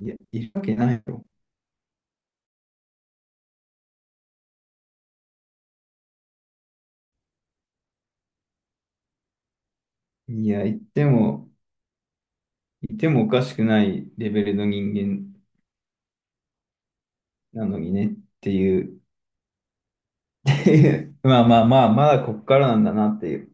いや、いるわけないよ。いや、いてもおかしくないレベルの人間なのにねっていう、っていうまあまあまあ、まだこっからなんだなっていう、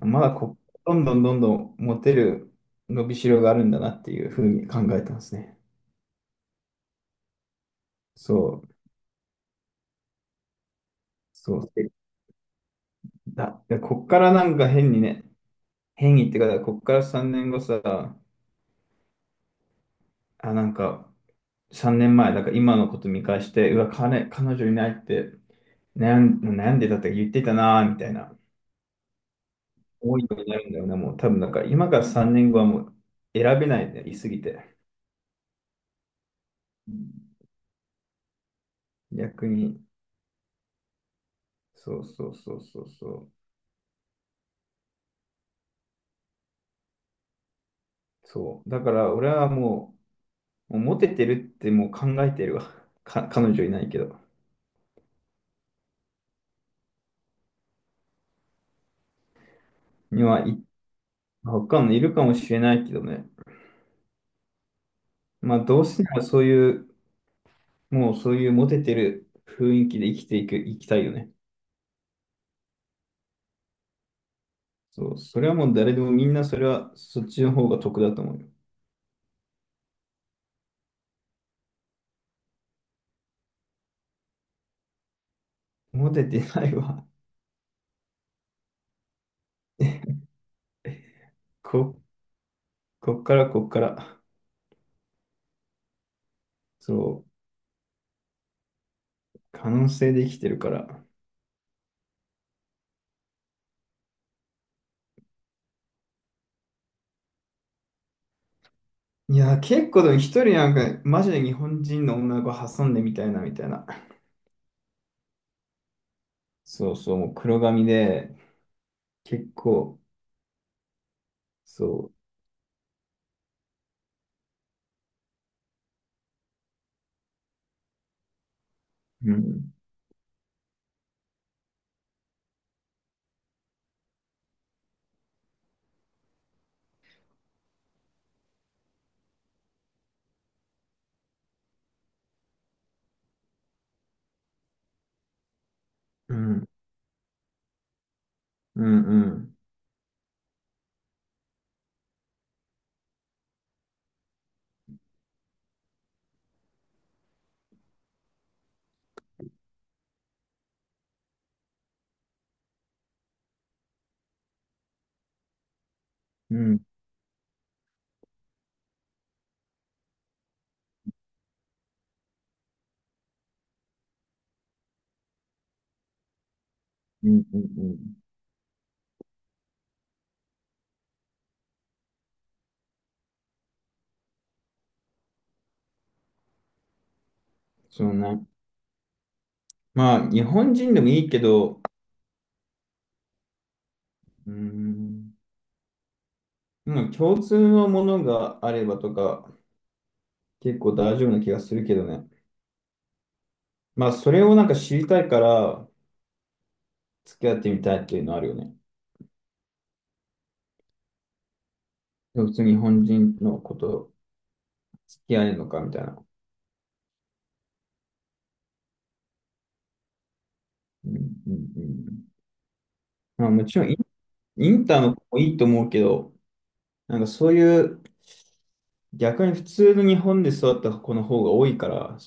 まだこ、どんどんどんどんモテる伸びしろがあるんだなっていうふうに考えてますね。そう、そう。でこっからなんか変にね、変にってか、こっから3年後さ、あ、なんか、3年前、だから今のこと見返して、うわ、彼女いないって悩んでたって言ってたなーみたいな思いになるんだよね。もう多分、だから今から3年後はもう選べないね、いすぎて。うん。逆に、そうそうそうそうそう。そう。だから俺はもうモテてるってもう考えてるわ。彼女いないけど。はい、他のいるかもしれないけどね。まあどうせならそういう、もうそういうモテてる雰囲気で生きていく、生きたいよね。そう、それはもう誰でもみんなそれはそっちの方が得だと思うよ。モテてないわ。こ、こっからこっから。そう、可能性で生きてるから。いや、結構でも一人なんか、マジで日本人の女の子挟んでみたいな、みたいな。そうそう、もう黒髪で、結構、そう、うん、うん、うん、うん、うん、うん、うん、うん。そうね。まあ、日本人でもいいけど、うん、まあ共通のものがあればとか、結構大丈夫な気がするけどね。まあ、それをなんか知りたいから、付き合ってみたいっていうのあるよね。普通に日本人のこと、付き合えるのかみたいな。うんうんうん。まあ、もちろんイン、インターの子もいいと思うけど、なんかそういう、逆に普通の日本で育った子の方が多いから、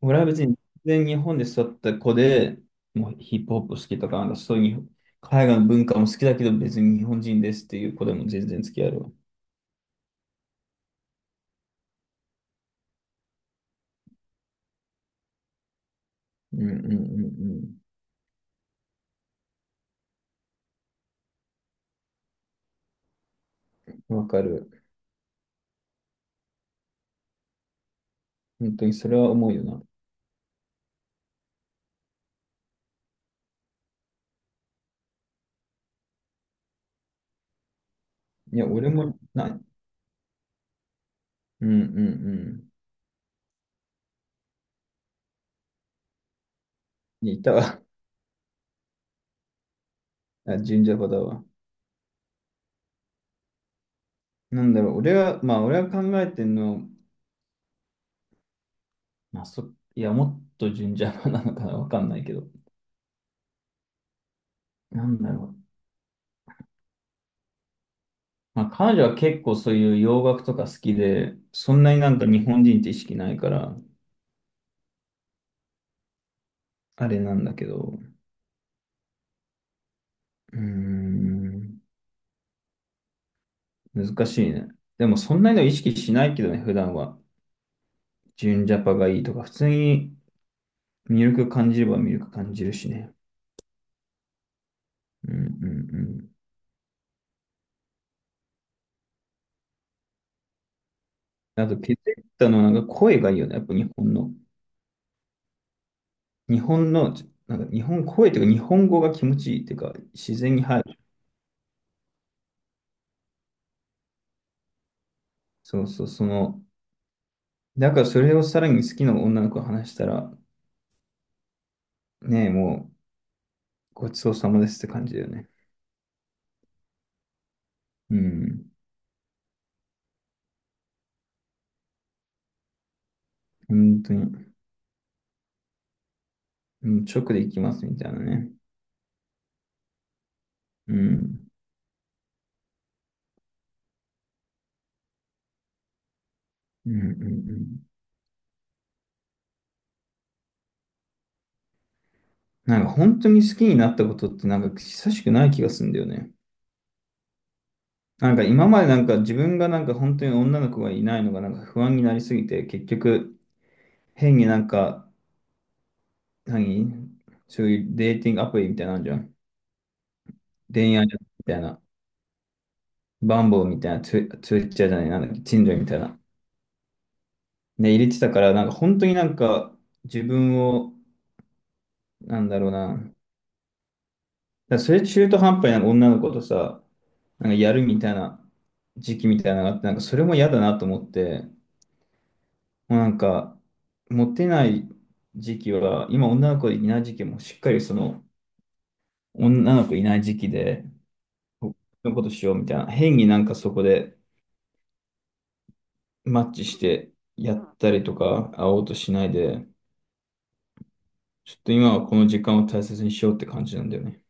俺は別に全然日本で育った子で、もうヒップホップ好きとか、なんかそういう海外の文化も好きだけど、別に日本人ですっていう子でも全然付き合えるわ。うんうんうんうん。わかる。本当にそれは思うよな。いや、俺もない、うんうんうん。いやいたわ。あ、神社派だわ。なんだろう、俺は、まあ俺は考えてんの、まあそ、いや、もっと神社派なのかな、わかんないけど。なんだろう。まあ彼女は結構そういう洋楽とか好きで、そんなになんか日本人って意識ないから、あれなんだけど、うーん、難しいね。でもそんなの意識しないけどね、普段は。純ジャパがいいとか、普通に魅力感じれば魅力感じるしね。うんうんうん。あと、ケテッタのはなんか声がいいよね。やっぱ日本の。日本の、なんか日本声というか日本語が気持ちいいというか、自然に入る。そうそう、だからそれをさらに好きな女の子と話したら、ねえ、もうごちそうさまですって感じだよね。うん。本当に。もう直で行きますみたいなね。うん。うんうんうん。なんか本当に好きになったことってなんか久しくない気がするんだよね。なんか今までなんか自分がなんか本当に女の子がいないのがなんか不安になりすぎて、結局変になんか、何そういうデーティングアプリみたいなのあんじゃん。恋愛みたいな。バンボーみたいな、ツイツイッチャーじゃない、なんだっけ、チンジョイみたいな。ね、入れてたから、なんか本当になんか自分を、なんだろうな。だからそれ中途半端になんか女の子とさ、なんかやるみたいな時期みたいなのがあって、なんかそれも嫌だなと思って、もうなんか、モテない時期は、今女の子いない時期もしっかりその、女の子いない時期で、このことしようみたいな、変になんかそこでマッチしてやったりとか、会おうとしないで、ちょっと今はこの時間を大切にしようって感じなんだよね。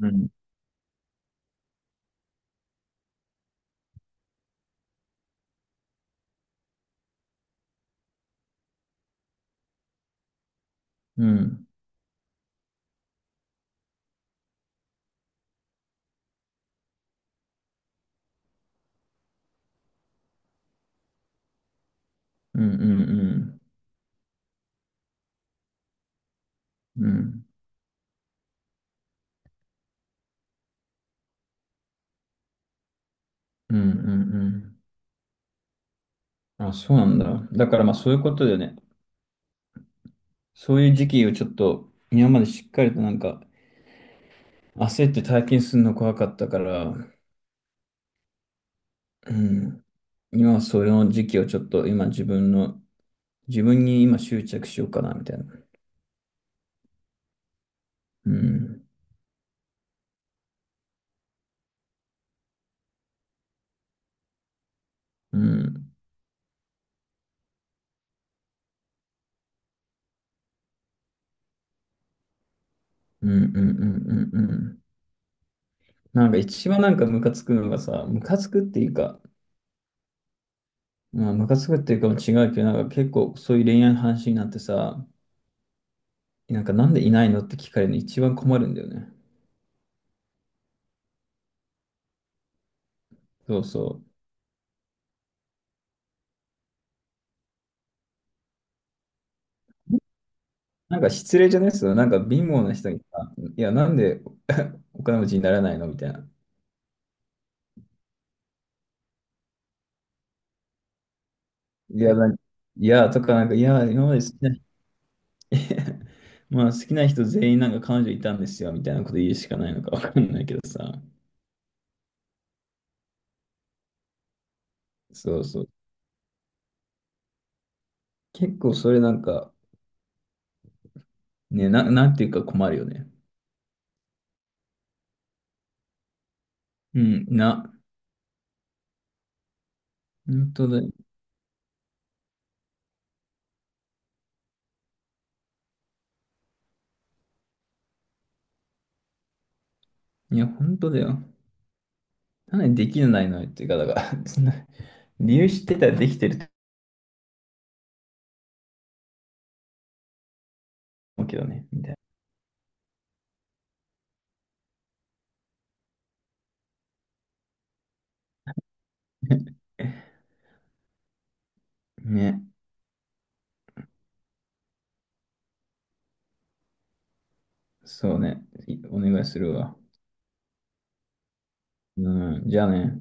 うん、うん、うん、うん、うん、うん、うん、うんうん。あ、そうなんだ。だからまあそういうことだよね。そういう時期をちょっと、今までしっかりとなんか、焦って体験するの怖かったから、うん。今はその時期をちょっと今自分の、自分に今執着しようかなみたいな。うん。うん。うんうんうんうんうん。なんか一番なんかムカつくのがさ、ムカつくっていうか、まあムカつくっていうかも違うけど、なんか結構そういう恋愛の話になってさ、なんかなんでいないのって聞かれるの一番困るんだよね。そうそう。なんか失礼じゃないっすよ。なんか貧乏な人にさ、いや、なんで お金持ちにならないのみたいな。いや、いや、とか、なんか、いや、今まで好きな えまあ好きな人全員なんか彼女いたんですよみたいなこと言うしかないのかわかんないけどさ。そうそう。結構それなんか、ね、なんていうか困るよね。うん、本当だ。いや、本当だよ。なのにできないのよっていうか、だから、そんな、理由知ってたらできてると思うけどね、みたいな。ね、そうね、お願いするわ。うん、じゃあね。